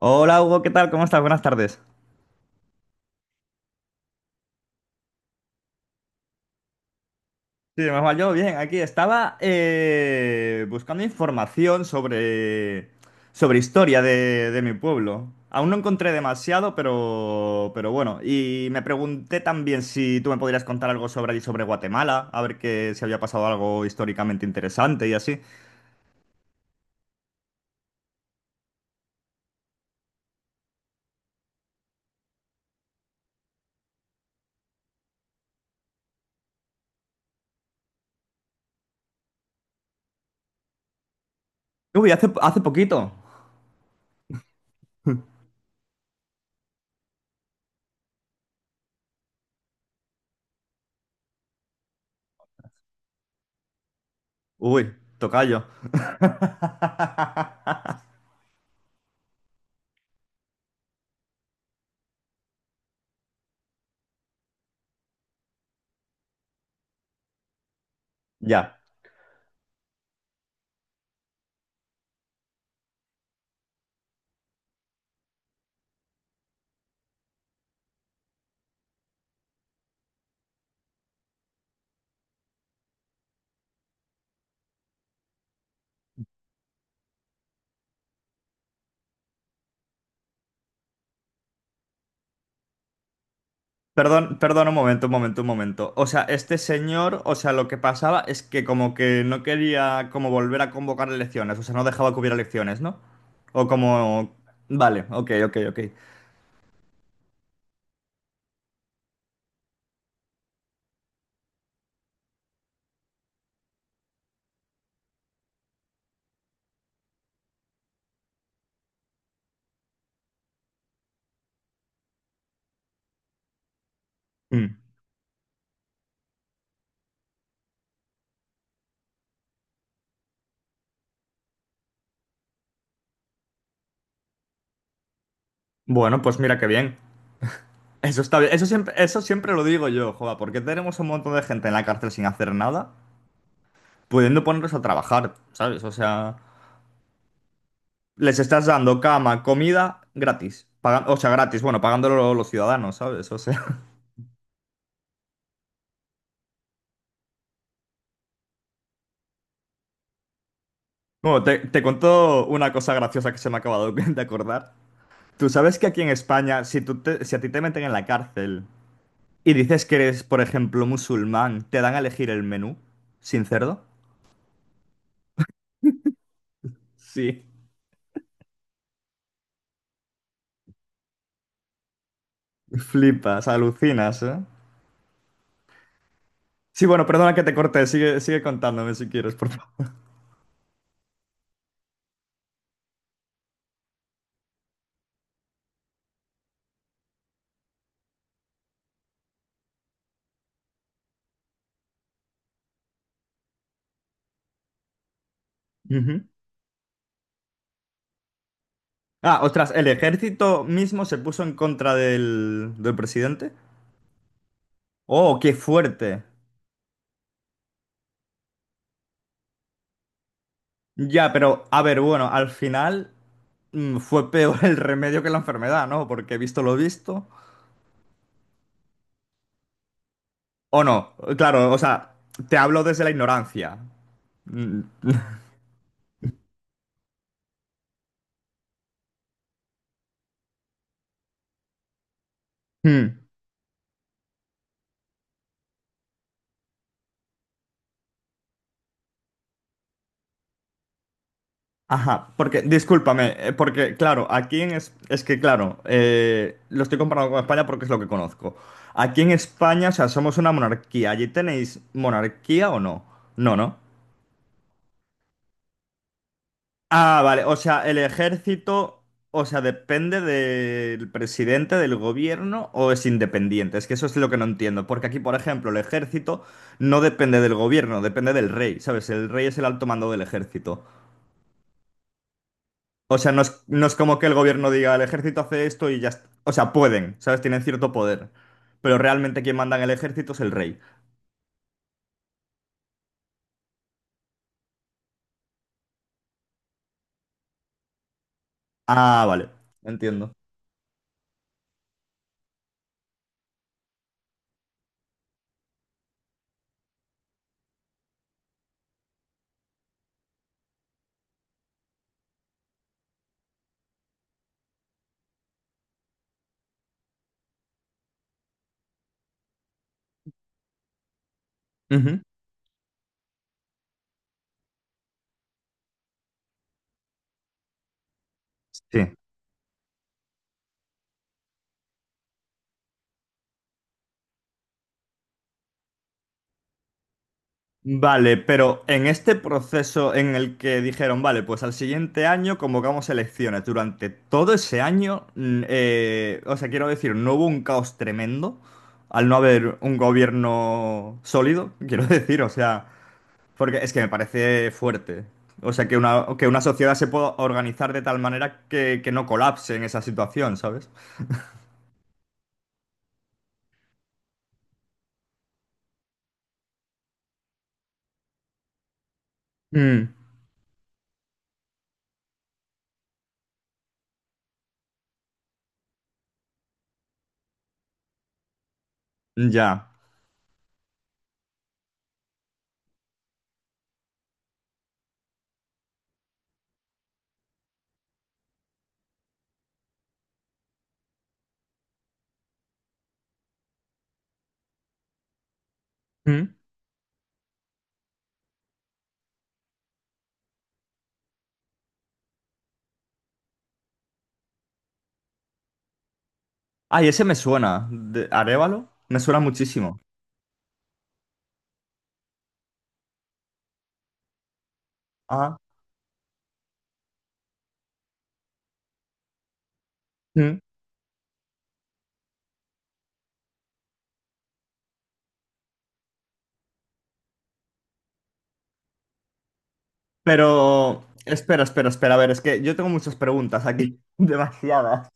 Hola Hugo, ¿qué tal? ¿Cómo estás? Buenas tardes. Sí, más mal yo, bien, aquí estaba buscando información sobre historia de mi pueblo. Aún no encontré demasiado, pero bueno. Y me pregunté también si tú me podrías contar algo sobre allí, sobre Guatemala, a ver que, si había pasado algo históricamente interesante y así. Uy, hace, hace poquito. Uy, tocayo. Ya. Perdón, perdón, un momento, un momento, un momento. O sea, este señor, o sea, lo que pasaba es que como que no quería como volver a convocar elecciones, o sea, no dejaba que hubiera elecciones, ¿no? O como... Vale, ok, ok, ok. Mm. Bueno, pues mira qué bien. Eso está bien. Eso siempre lo digo yo, joda, porque tenemos un montón de gente en la cárcel sin hacer nada, pudiendo ponerlos a trabajar, ¿sabes? O sea, les estás dando cama, comida gratis. Paga- o sea, gratis, bueno, pagándolo los ciudadanos, ¿sabes? O sea... Bueno, te cuento una cosa graciosa que se me ha acabado de acordar. Tú sabes que aquí en España, si, tú te- si a ti te meten en la cárcel y dices que eres, por ejemplo, musulmán, te dan a elegir el menú sin cerdo. Sí. Flipas, alucinas, ¿eh? Sí, bueno, perdona que te corté, sigue, sigue contándome si quieres, por favor. Ujú. Ah, ostras, ¿el ejército mismo se puso en contra del, del presidente? Oh, qué fuerte. Ya, pero a ver, bueno, al final fue peor el remedio que la enfermedad, ¿no? Porque he visto lo visto. O no, claro, o sea, te hablo desde la ignorancia. Mm, mm, Ajá, porque, discúlpame, porque, claro, aquí en es que, claro, lo estoy comparando con España porque es lo que conozco. Aquí en España, o sea, somos una monarquía. ¿Allí tenéis monarquía o no? No, ¿no? Ah, vale, o sea, el ejército, o sea, depende del presidente del gobierno o es independiente. Es que eso es lo que no entiendo, porque aquí, por ejemplo, el ejército no depende del gobierno, depende del rey, ¿sabes? El rey es el alto mando del ejército. O sea, no es, no es como que el gobierno diga, el ejército hace esto y ya está. O sea, pueden, ¿sabes? Tienen cierto poder, pero realmente quien manda en el ejército es el rey. Ah, vale, entiendo. Ujú. Sí. Vale, pero en este proceso en el que dijeron, vale, pues al siguiente año convocamos elecciones, durante todo ese año, o sea, quiero decir, no hubo un caos tremendo al no haber un gobierno sólido, quiero decir, o sea, porque es que me parece fuerte. O sea, que una sociedad se pueda organizar de tal manera que no colapse en esa situación, ¿sabes? Mm, ya. Mm. Ay, ese me suena. ¿De Arévalo? Me suena muchísimo. Ah. Pero, espera, espera, espera. A ver, es que yo tengo muchas preguntas aquí. Demasiadas.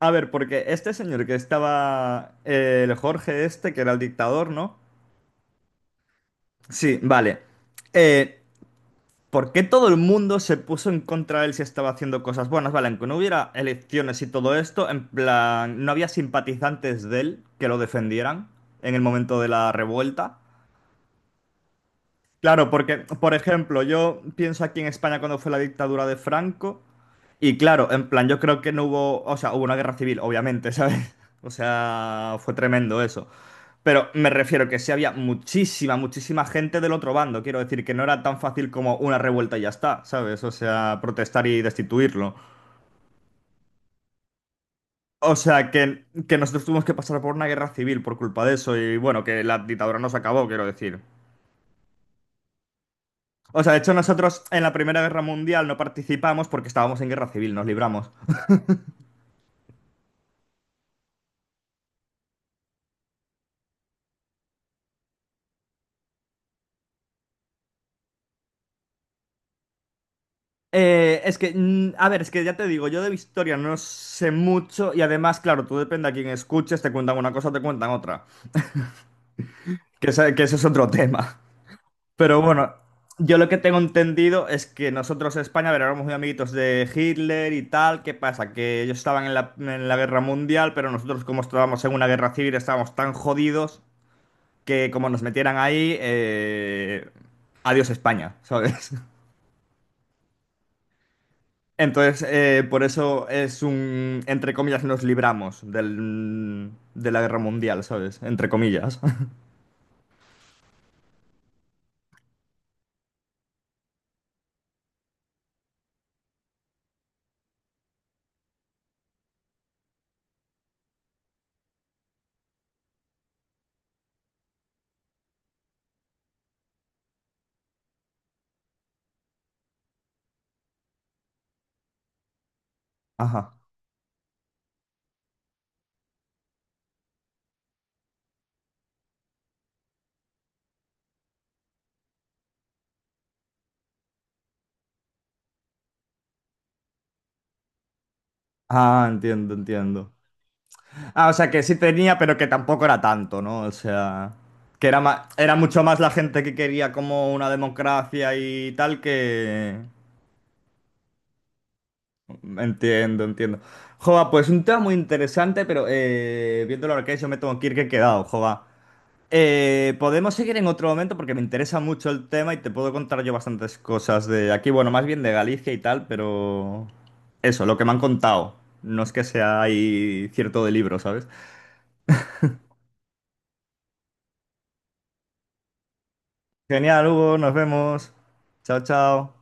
A ver, porque este señor que estaba, el Jorge este, que era el dictador, ¿no? Sí, vale. Eh, ¿Por qué todo el mundo se puso en contra de él si estaba haciendo cosas buenas? Vale, aunque no hubiera elecciones y todo esto, en plan, no había simpatizantes de él que lo defendieran en el momento de la revuelta. Claro, porque, por ejemplo, yo pienso aquí en España cuando fue la dictadura de Franco, y claro, en plan, yo creo que no hubo, o sea, hubo una guerra civil, obviamente, ¿sabes? O sea, fue tremendo eso. Pero me refiero que sí había muchísima, muchísima gente del otro bando, quiero decir, que no era tan fácil como una revuelta y ya está, ¿sabes? O sea, protestar y destituirlo. O sea, que nosotros tuvimos que pasar por una guerra civil por culpa de eso, y bueno, que la dictadura no se acabó, quiero decir. O sea, de hecho nosotros en la Primera Guerra Mundial no participamos porque estábamos en guerra civil, nos libramos. A ver, es que ya te digo, yo de historia no sé mucho y además, claro, tú depende a quién escuches, te cuentan una cosa o te cuentan otra. Que, esa- que eso es otro tema. Pero bueno, yo lo que tengo entendido es que nosotros en España, a ver, éramos muy amiguitos de Hitler y tal. ¿Qué pasa? Que ellos estaban en la guerra mundial, pero nosotros como estábamos en una guerra civil estábamos tan jodidos que como nos metieran ahí, adiós España, ¿sabes? Entonces, por eso es un, entre comillas, nos libramos del, de la guerra mundial, ¿sabes? Entre comillas. Ajá. Ah, entiendo, entiendo. Ah, o sea, que sí tenía, pero que tampoco era tanto, ¿no? O sea, que era ma- era mucho más la gente que quería como una democracia y tal que... Entiendo, entiendo. Jova, pues un tema muy interesante, pero viéndolo ahora que es, yo me tengo que ir que he quedado, jova. Podemos seguir en otro momento porque me interesa mucho el tema y te puedo contar yo bastantes cosas de aquí, bueno, más bien de Galicia y tal, pero eso, lo que me han contado. No es que sea ahí cierto de libro, ¿sabes? Genial, Hugo, nos vemos. Chao, chao.